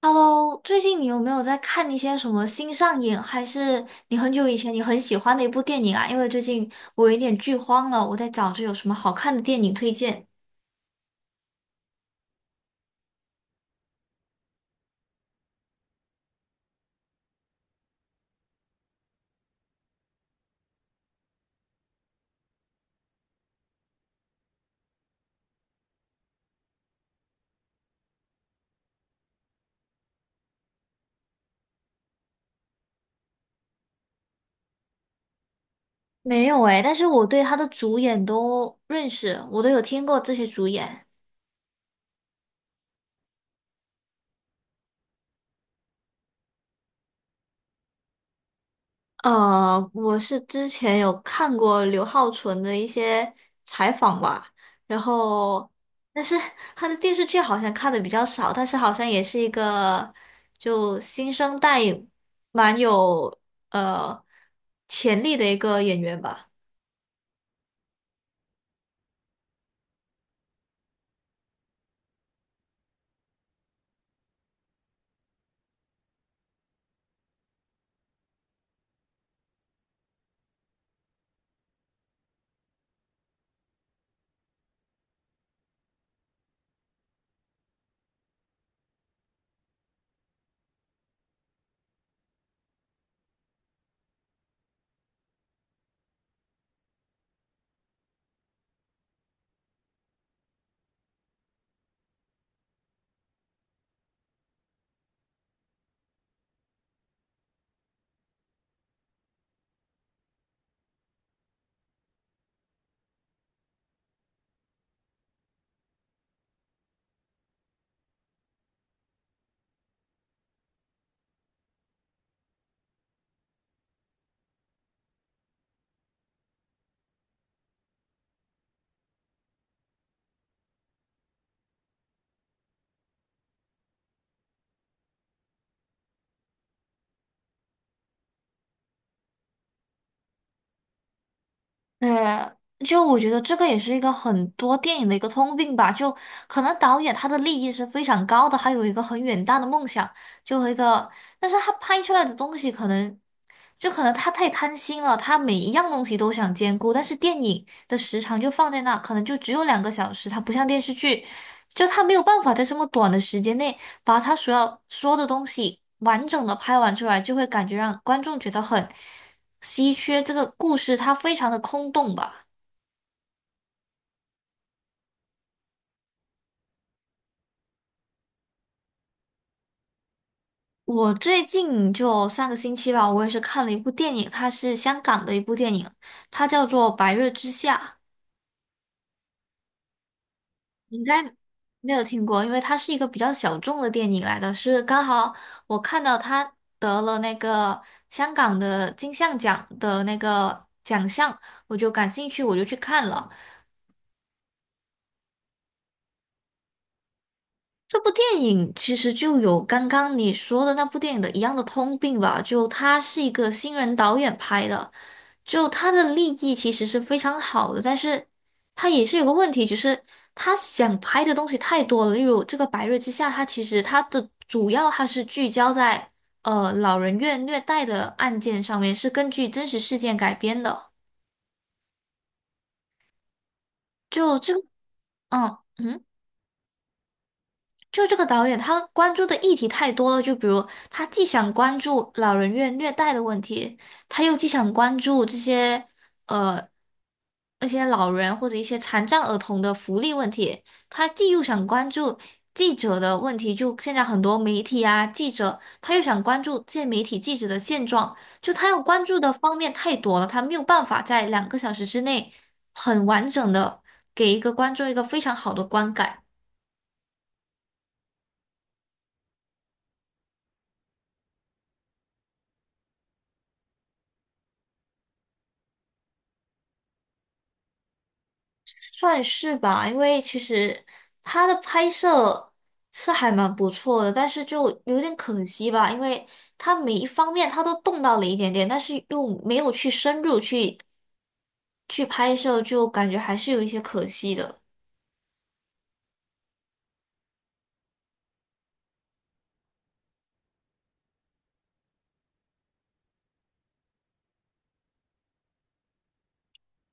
Hello，最近你有没有在看一些什么新上映，还是你很久以前你很喜欢的一部电影啊？因为最近我有点剧荒了，我在找着有什么好看的电影推荐。没有诶，但是我对他的主演都认识，我都有听过这些主演。我是之前有看过刘浩存的一些采访吧，然后，但是他的电视剧好像看的比较少，但是好像也是一个就新生代蛮有呃潜力的一个演员吧。呃，就我觉得这个也是一个很多电影的一个通病吧，就可能导演他的利益是非常高的，他有一个很远大的梦想，就和一个，但是他拍出来的东西可能，就可能他太贪心了，他每一样东西都想兼顾，但是电影的时长就放在那，可能就只有两个小时，它不像电视剧，就他没有办法在这么短的时间内把他所要说的东西完整的拍完出来，就会感觉让观众觉得很。稀缺这个故事它非常的空洞吧。我最近就上个星期吧，我也是看了一部电影，它是香港的一部电影，它叫做《白日之下》，你应该没有听过，因为它是一个比较小众的电影来的，是刚好我看到它得了那个香港的金像奖的那个奖项，我就感兴趣，我就去看了。这部电影其实就有刚刚你说的那部电影的一样的通病吧，就他是一个新人导演拍的，就他的立意其实是非常好的，但是他也是有个问题，就是他想拍的东西太多了，例如这个《白日之下》，它其实它的主要它是聚焦在老人院虐待的案件上面，是根据真实事件改编的，就这个，嗯嗯。就这个导演，他关注的议题太多了。就比如，他既想关注老人院虐待的问题，他又既想关注这些呃那些老人或者一些残障儿童的福利问题，他既又想关注记者的问题，就现在很多媒体啊记者，他又想关注这些媒体记者的现状，就他要关注的方面太多了，他没有办法在两个小时之内很完整的给一个观众一个非常好的观感。算是吧，因为其实它的拍摄是还蛮不错的，但是就有点可惜吧，因为它每一方面它都动到了一点点，但是又没有去深入去拍摄，就感觉还是有一些可惜的。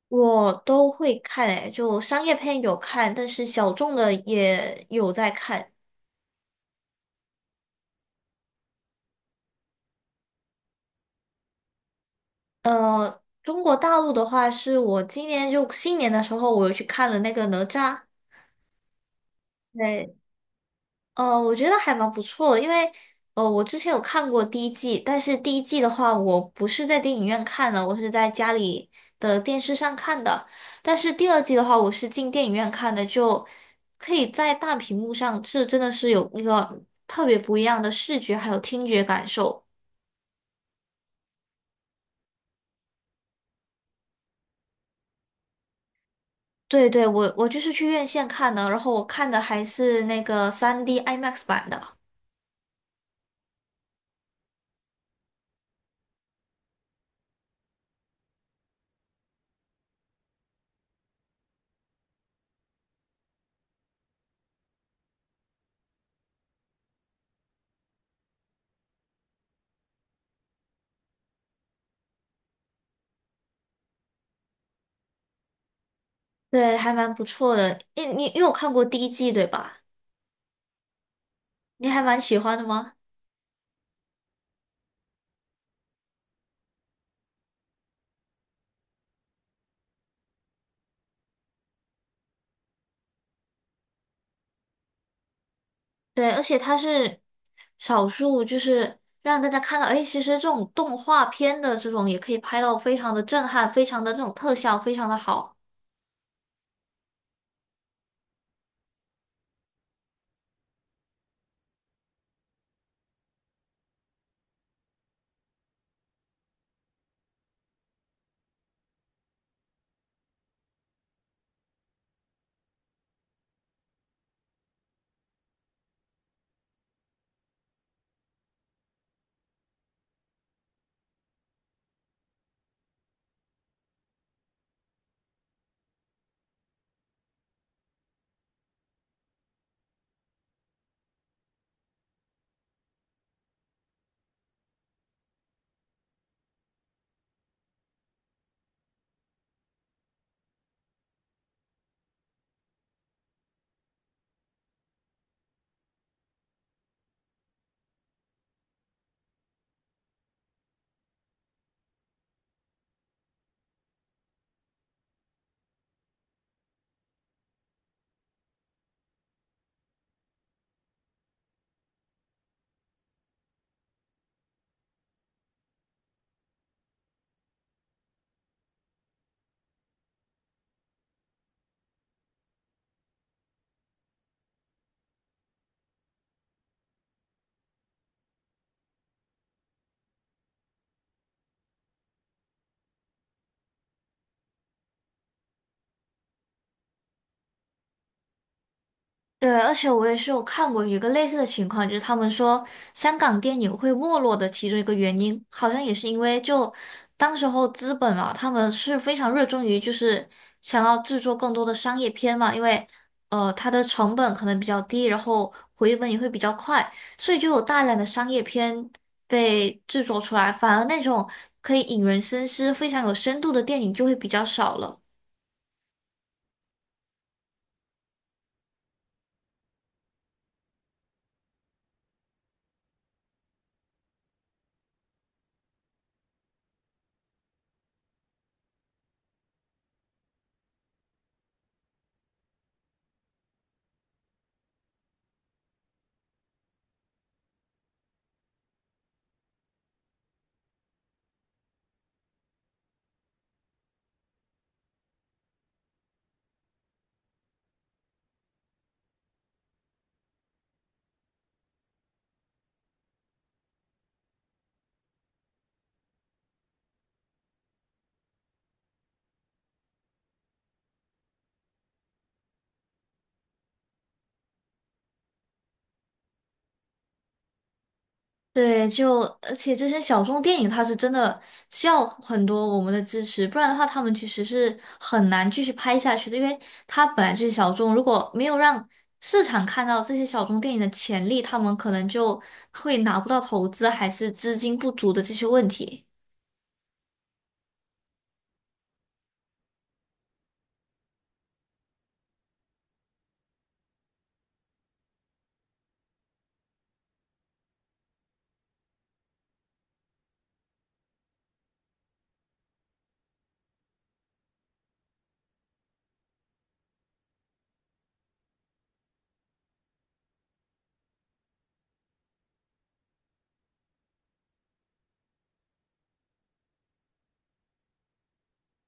我都会看诶，就商业片有看，但是小众的也有在看。中国大陆的话，是我今年就新年的时候，我有去看了那个哪吒。对我觉得还蛮不错的，因为我之前有看过第一季，但是第一季的话，我不是在电影院看的，我是在家里的电视上看的。但是第二季的话，我是进电影院看的，就可以在大屏幕上，这真的是有一个特别不一样的视觉还有听觉感受。对，我就是去院线看的，然后我看的还是那个3D IMAX 版的，对，还蛮不错的。诶，你有看过第一季对吧？你还蛮喜欢的吗？对，而且它是少数，就是让大家看到，哎，其实这种动画片的这种也可以拍到非常的震撼，非常的这种特效非常的好。对，而且我也是有看过一个类似的情况，就是他们说香港电影会没落的其中一个原因，好像也是因为就当时候资本嘛，他们是非常热衷于就是想要制作更多的商业片嘛，因为它的成本可能比较低，然后回本也会比较快，所以就有大量的商业片被制作出来，反而那种可以引人深思、非常有深度的电影就会比较少了。对，就而且这些小众电影，它是真的需要很多我们的支持，不然的话，他们其实是很难继续拍下去的，因为它本来就是小众，如果没有让市场看到这些小众电影的潜力，他们可能就会拿不到投资，还是资金不足的这些问题。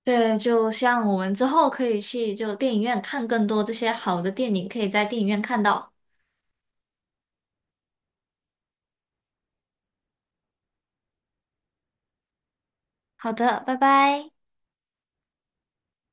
对，就像我们之后可以去就电影院看更多这些好的电影，可以在电影院看到。好的，拜拜。